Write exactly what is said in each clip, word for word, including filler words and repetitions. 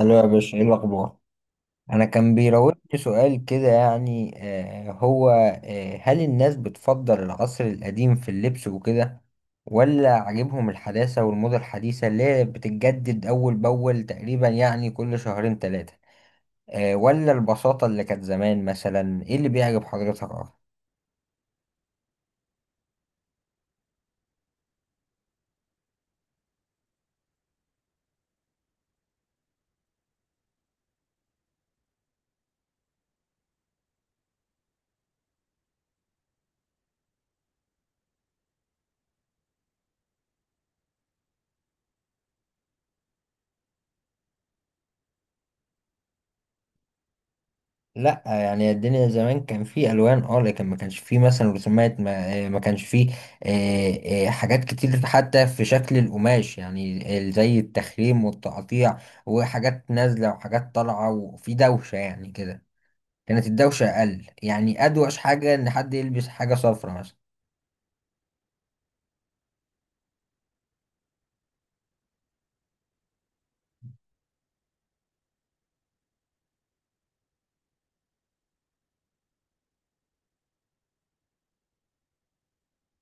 الو يا باشا، ايه الاخبار؟ انا كان بيراودني سؤال كده، يعني آه هو آه هل الناس بتفضل العصر القديم في اللبس وكده، ولا عاجبهم الحداثة والموضة الحديثة اللي هي بتتجدد اول باول؟ تقريبا يعني كل شهرين ثلاثة. آه ولا البساطة اللي كانت زمان؟ مثلا ايه اللي بيعجب حضرتك اكتر؟ لا، يعني الدنيا زمان كان في الوان اه لكن ما كانش في مثلا رسومات. ما, آه، ما كانش في آه، آه، حاجات كتير، حتى في شكل القماش، يعني ال- زي التخريم والتقطيع وحاجات نازله وحاجات طالعه، وفي دوشه يعني كده. كانت الدوشه اقل، يعني ادوش حاجه ان حد يلبس حاجه صفرا مثلا.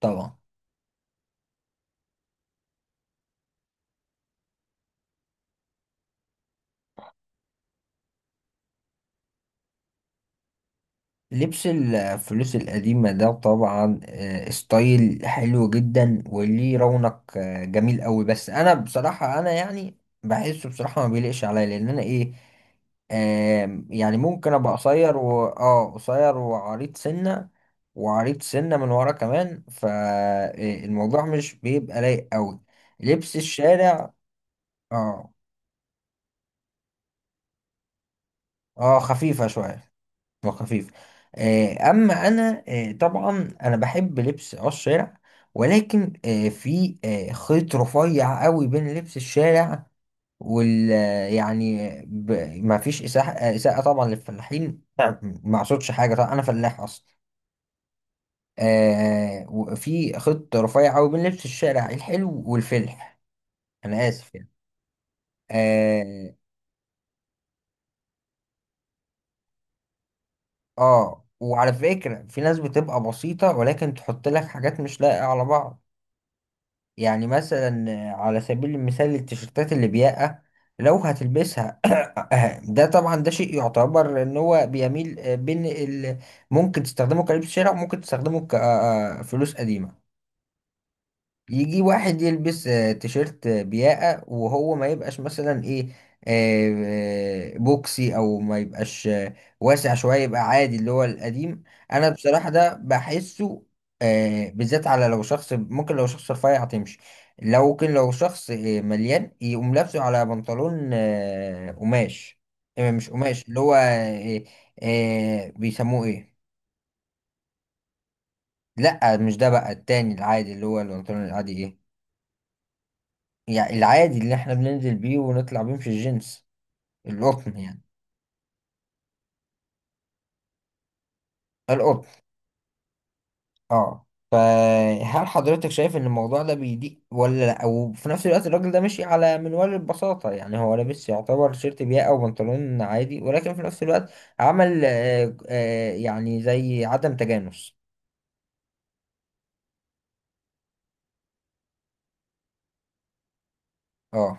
طبعا. لبس الفلوس القديمة ده طبعا آه، ستايل حلو جدا وليه رونق آه، جميل قوي، بس انا بصراحة انا يعني بحسه بصراحة ما بيليقش عليا، لان انا ايه آم، يعني ممكن ابقى قصير و اه قصير وعريض سنة، وعريض سنة من ورا كمان، فالموضوع مش بيبقى لايق قوي. لبس الشارع، اه، اه، خفيفة شوية وخفيف. آه، اما انا آه، طبعا انا بحب لبس آه الشارع، ولكن آه، في آه، خيط رفيع قوي بين لبس الشارع وال آه، يعني ب... ما فيش اساءه، آه، إساءة طبعا للفلاحين، نعم. ما اقصدش حاجه، طبعا انا فلاح اصلا. آه، وفي خيط رفيع قوي بين لبس الشارع الحلو والفلح، انا اسف يعني. اه. آه، وعلى فكره في ناس بتبقى بسيطه ولكن تحط لك حاجات مش لايقه على بعض، يعني مثلا على سبيل المثال التيشيرتات البياقة لو هتلبسها ده طبعا، ده شيء يعتبر ان هو بيميل بين ال... ممكن تستخدمه كلبس شارع وممكن تستخدمه كفلوس قديمة. يجي واحد يلبس آه، تيشيرت آه، بياقة وهو ما يبقاش مثلا ايه آه، آه، بوكسي، او ما يبقاش آه، واسع شوية، يبقى عادي اللي هو القديم. انا بصراحة ده بحسه آه، بالذات على لو شخص، ممكن لو شخص رفيع تمشي، لو ممكن لو شخص آه، مليان يقوم لابسه على بنطلون آه، قماش، آه، مش قماش اللي هو آه، آه، بيسموه ايه؟ لا، مش ده، بقى التاني العادي اللي هو البنطلون العادي ايه، يعني العادي اللي احنا بننزل بيه ونطلع بيه، مش الجنس، القطن يعني، القطن. اه. فهل حضرتك شايف ان الموضوع ده بيضيق ولا لا، وفي نفس الوقت الراجل ده ماشي على منوال البساطة، يعني هو لابس يعتبر تيشيرت بياقة او بنطلون عادي، ولكن في نفس الوقت عمل آه آه يعني زي عدم تجانس؟ اه،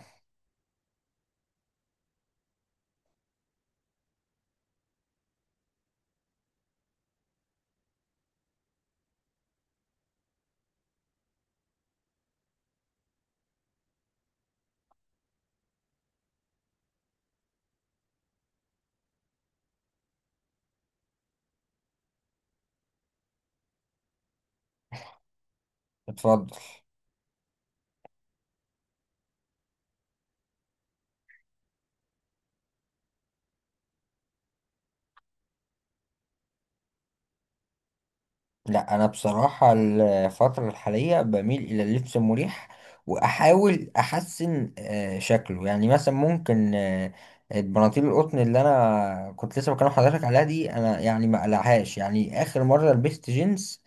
اتفضل. لا، انا بصراحه الفتره الحاليه بميل الى اللبس المريح، واحاول احسن آه، شكله، يعني مثلا ممكن آه، البناطيل القطن اللي انا كنت لسه بكلم حضرتك عليها دي، انا يعني ما قلعهاش. يعني اخر مره لبست جينز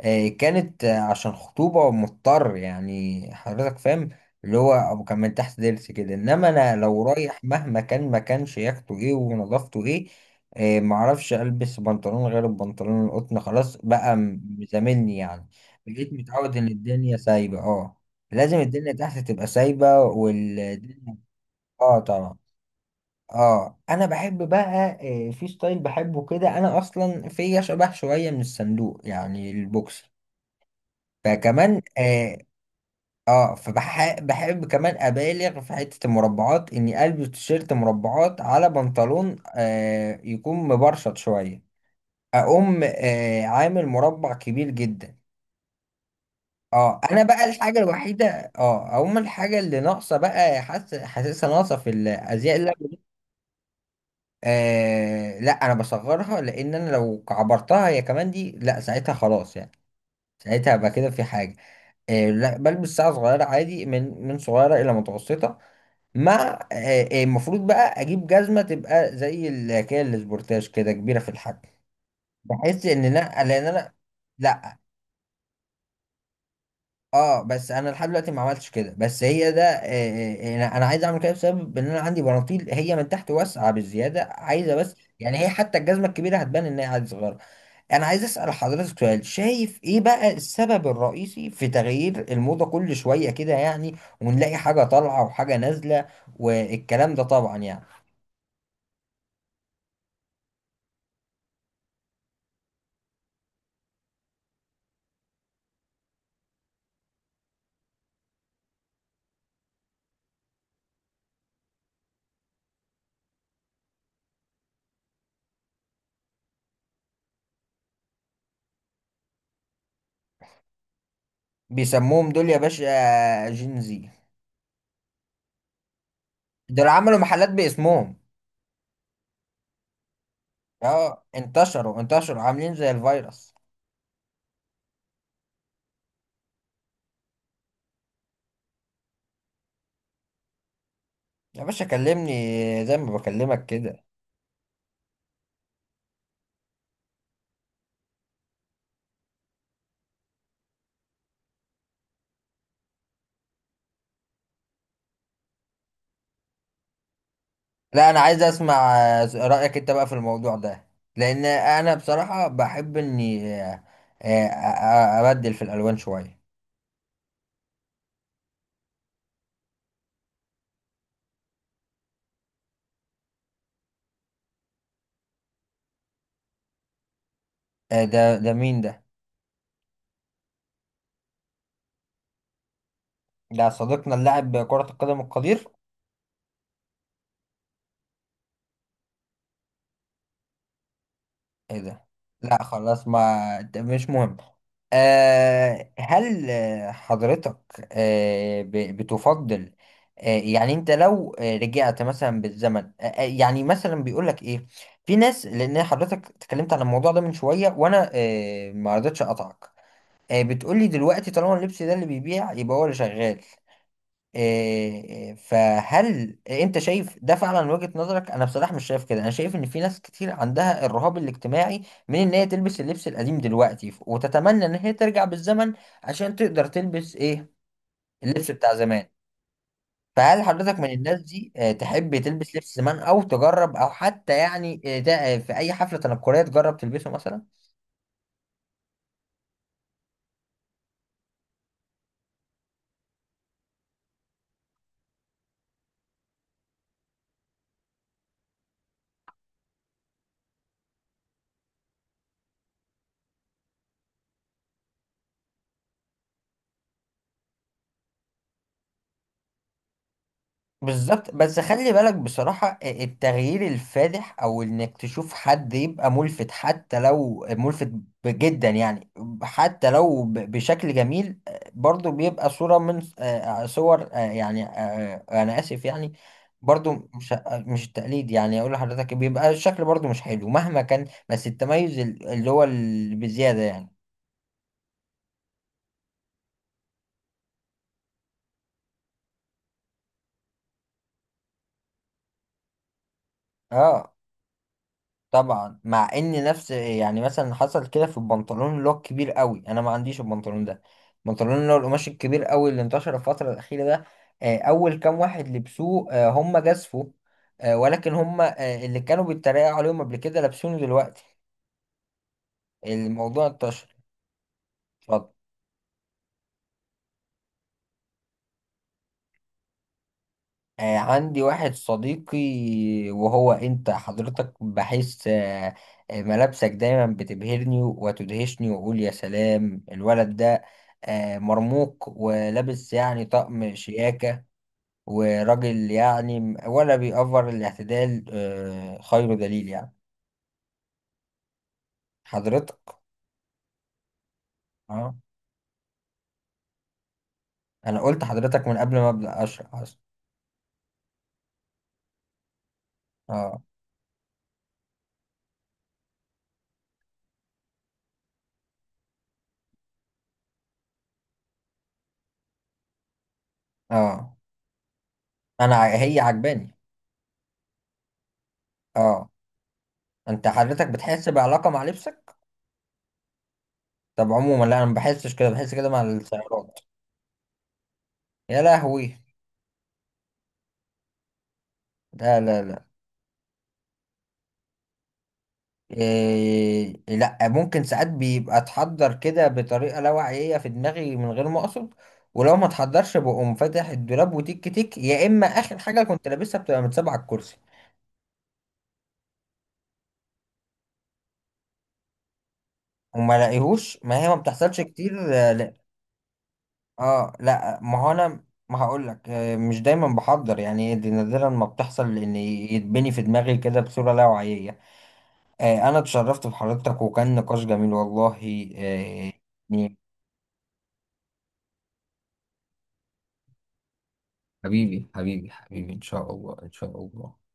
آه، كانت آه، عشان خطوبة، مضطر يعني حضرتك فاهم، اللي هو أبو كان من تحت ضرس كده. إنما أنا لو رايح مهما كان ما كانش ياخده، إيه ونظافته إيه. آه، معرفش ألبس بنطلون غير البنطلون القطن، خلاص بقى، م- زاملني يعني. بقيت متعود إن الدنيا سايبة. أه، لازم الدنيا تحت تبقى سايبة والدنيا. أه طبعا. أه، أنا بحب بقى آه، في ستايل بحبه كده، أنا أصلا فيا شبه شوية من الصندوق، يعني البوكس، فكمان اه, آه فبحب بحب كمان ابالغ في حتة المربعات، اني البس تيشيرت مربعات على بنطلون آه يكون مبرشط شوية، اقوم آه عامل مربع كبير جدا. اه، انا بقى الحاجة الوحيدة. اه، اقوم الحاجة اللي ناقصة بقى، حاسس حاسسها ناقصة في الازياء اللي أنا بجيبها. آه لا، انا بصغرها، لان انا لو كعبرتها هي كمان دي لا ساعتها خلاص يعني، ساعتها هبقى كده في حاجة. آه، لا، بلبس ساعة صغيرة عادي، من من صغيرة إلى متوسطة، مع آه، آه، المفروض بقى أجيب جزمة تبقى زي الحكاية السبورتاج كده، كبيرة في الحجم. بحس إن أنا، لأن أنا. لا. اه، بس انا لحد دلوقتي ما عملتش كده، بس هي ده آه، آه، آه، انا أنا عايز اعمل كده بسبب ان انا عندي بناطيل هي من تحت واسعه بالزياده عايزه، بس يعني هي حتى الجزمه الكبيره هتبان ان هي عادي صغيره. انا عايز اسال حضرتك سؤال: شايف ايه بقى السبب الرئيسي في تغيير الموضه كل شويه كده يعني، ونلاقي حاجه طالعه وحاجه نازله والكلام ده طبعا يعني؟ بيسموهم دول يا باشا جينزي. دول عملوا محلات باسمهم. اه، انتشروا انتشروا عاملين زي الفيروس. يا باشا كلمني زي ما بكلمك كده. لا، انا عايز اسمع آه، رايك انت بقى في الموضوع ده، لان انا بصراحه بحب اني آه، آه، آه، ابدل في الالوان شويه. آه، ده ده مين ده؟ ده صديقنا اللاعب كرة القدم القدير؟ ايه ده؟ لا خلاص، ما ده مش مهم. آه هل آه، حضرتك آه ب- بتفضل. آه يعني انت لو آه، رجعت مثلا بالزمن، آه آه، يعني مثلا بيقول لك ايه في ناس، لان حضرتك اتكلمت عن الموضوع ده من شوية وانا آه ما رضيتش اقطعك. آه بتقول لي دلوقتي طالما اللبس ده اللي بيبيع يبقى هو اللي شغال. إيه، فهل انت شايف ده فعلا من وجهة نظرك؟ انا بصراحة مش شايف كده. انا شايف ان في ناس كتير عندها الرهاب الاجتماعي من ان هي تلبس اللبس القديم دلوقتي، وتتمنى ان هي ترجع بالزمن عشان تقدر تلبس ايه اللبس بتاع زمان. فهل حضرتك من الناس دي آه، تحب تلبس لبس زمان او تجرب، او حتى يعني آه، ده- آه، في اي حفلة تنكرية تجرب تلبسه مثلا؟ بالظبط، بس خلي بالك بصراحة التغيير الفادح، او انك تشوف حد يبقى ملفت حتى لو ملفت جدا يعني، حتى لو ب- بشكل جميل، برضو بيبقى صورة من صور يعني، انا اسف يعني. برضو مش مش التقليد يعني، اقول لحضرتك بيبقى الشكل برضو مش حلو مهما كان، بس التميز اللي هو اللي بزيادة يعني. اه طبعا. مع ان نفس يعني، مثلا حصل كده في البنطلون اللي هو الكبير قوي، انا ما عنديش البنطلون ده، البنطلون اللي هو القماش الكبير قوي اللي انتشر الفتره الاخيره ده. آه، اول كام واحد لبسوه آه، هم جازفوا، آه، ولكن هم، آه، اللي كانوا بيتريقوا عليهم قبل كده لابسينه دلوقتي، الموضوع انتشر. اتفضل. آه، عندي واحد صديقي، وهو انت حضرتك، بحس آه، آه، ملابسك دايما بتبهرني وتدهشني، واقول يا سلام الولد ده آه، مرموق ولابس يعني طقم شياكة، وراجل يعني، م- ولا بيأفر الاعتدال آه، خير دليل يعني. حضرتك. اه، انا قلت حضرتك من قبل ما ابدأ اشرح اصلا. اه، اه، انا ع- هي عجباني. اه. انت حضرتك بتحس بعلاقة مع لبسك؟ طب عموما لا، انا ما بحسش كده، بحس كده مع السيارات. يا لهوي. لا لا لا. إيه، لا، ممكن ساعات بيبقى اتحضر كده بطريقه لا واعيه في دماغي من غير ما اقصد. ولو ما اتحضرش بقوم فاتح الدولاب وتيك تيك، يا اما اخر حاجه كنت لابسها بتبقى متسابه على الكرسي وما لاقيهوش، ما هي ما بتحصلش كتير. آه، لا. اه، لا، ما هو انا ما هقول لك آه، مش دايما بحضر يعني، دي نادرا ما بتحصل لان يتبني في دماغي كده بصوره لا واعيه. آه، أنا اتشرفت بحضرتك وكان نقاش جميل والله. آه، يعني حبيبي حبيبي حبيبي، إن شاء الله إن شاء الله.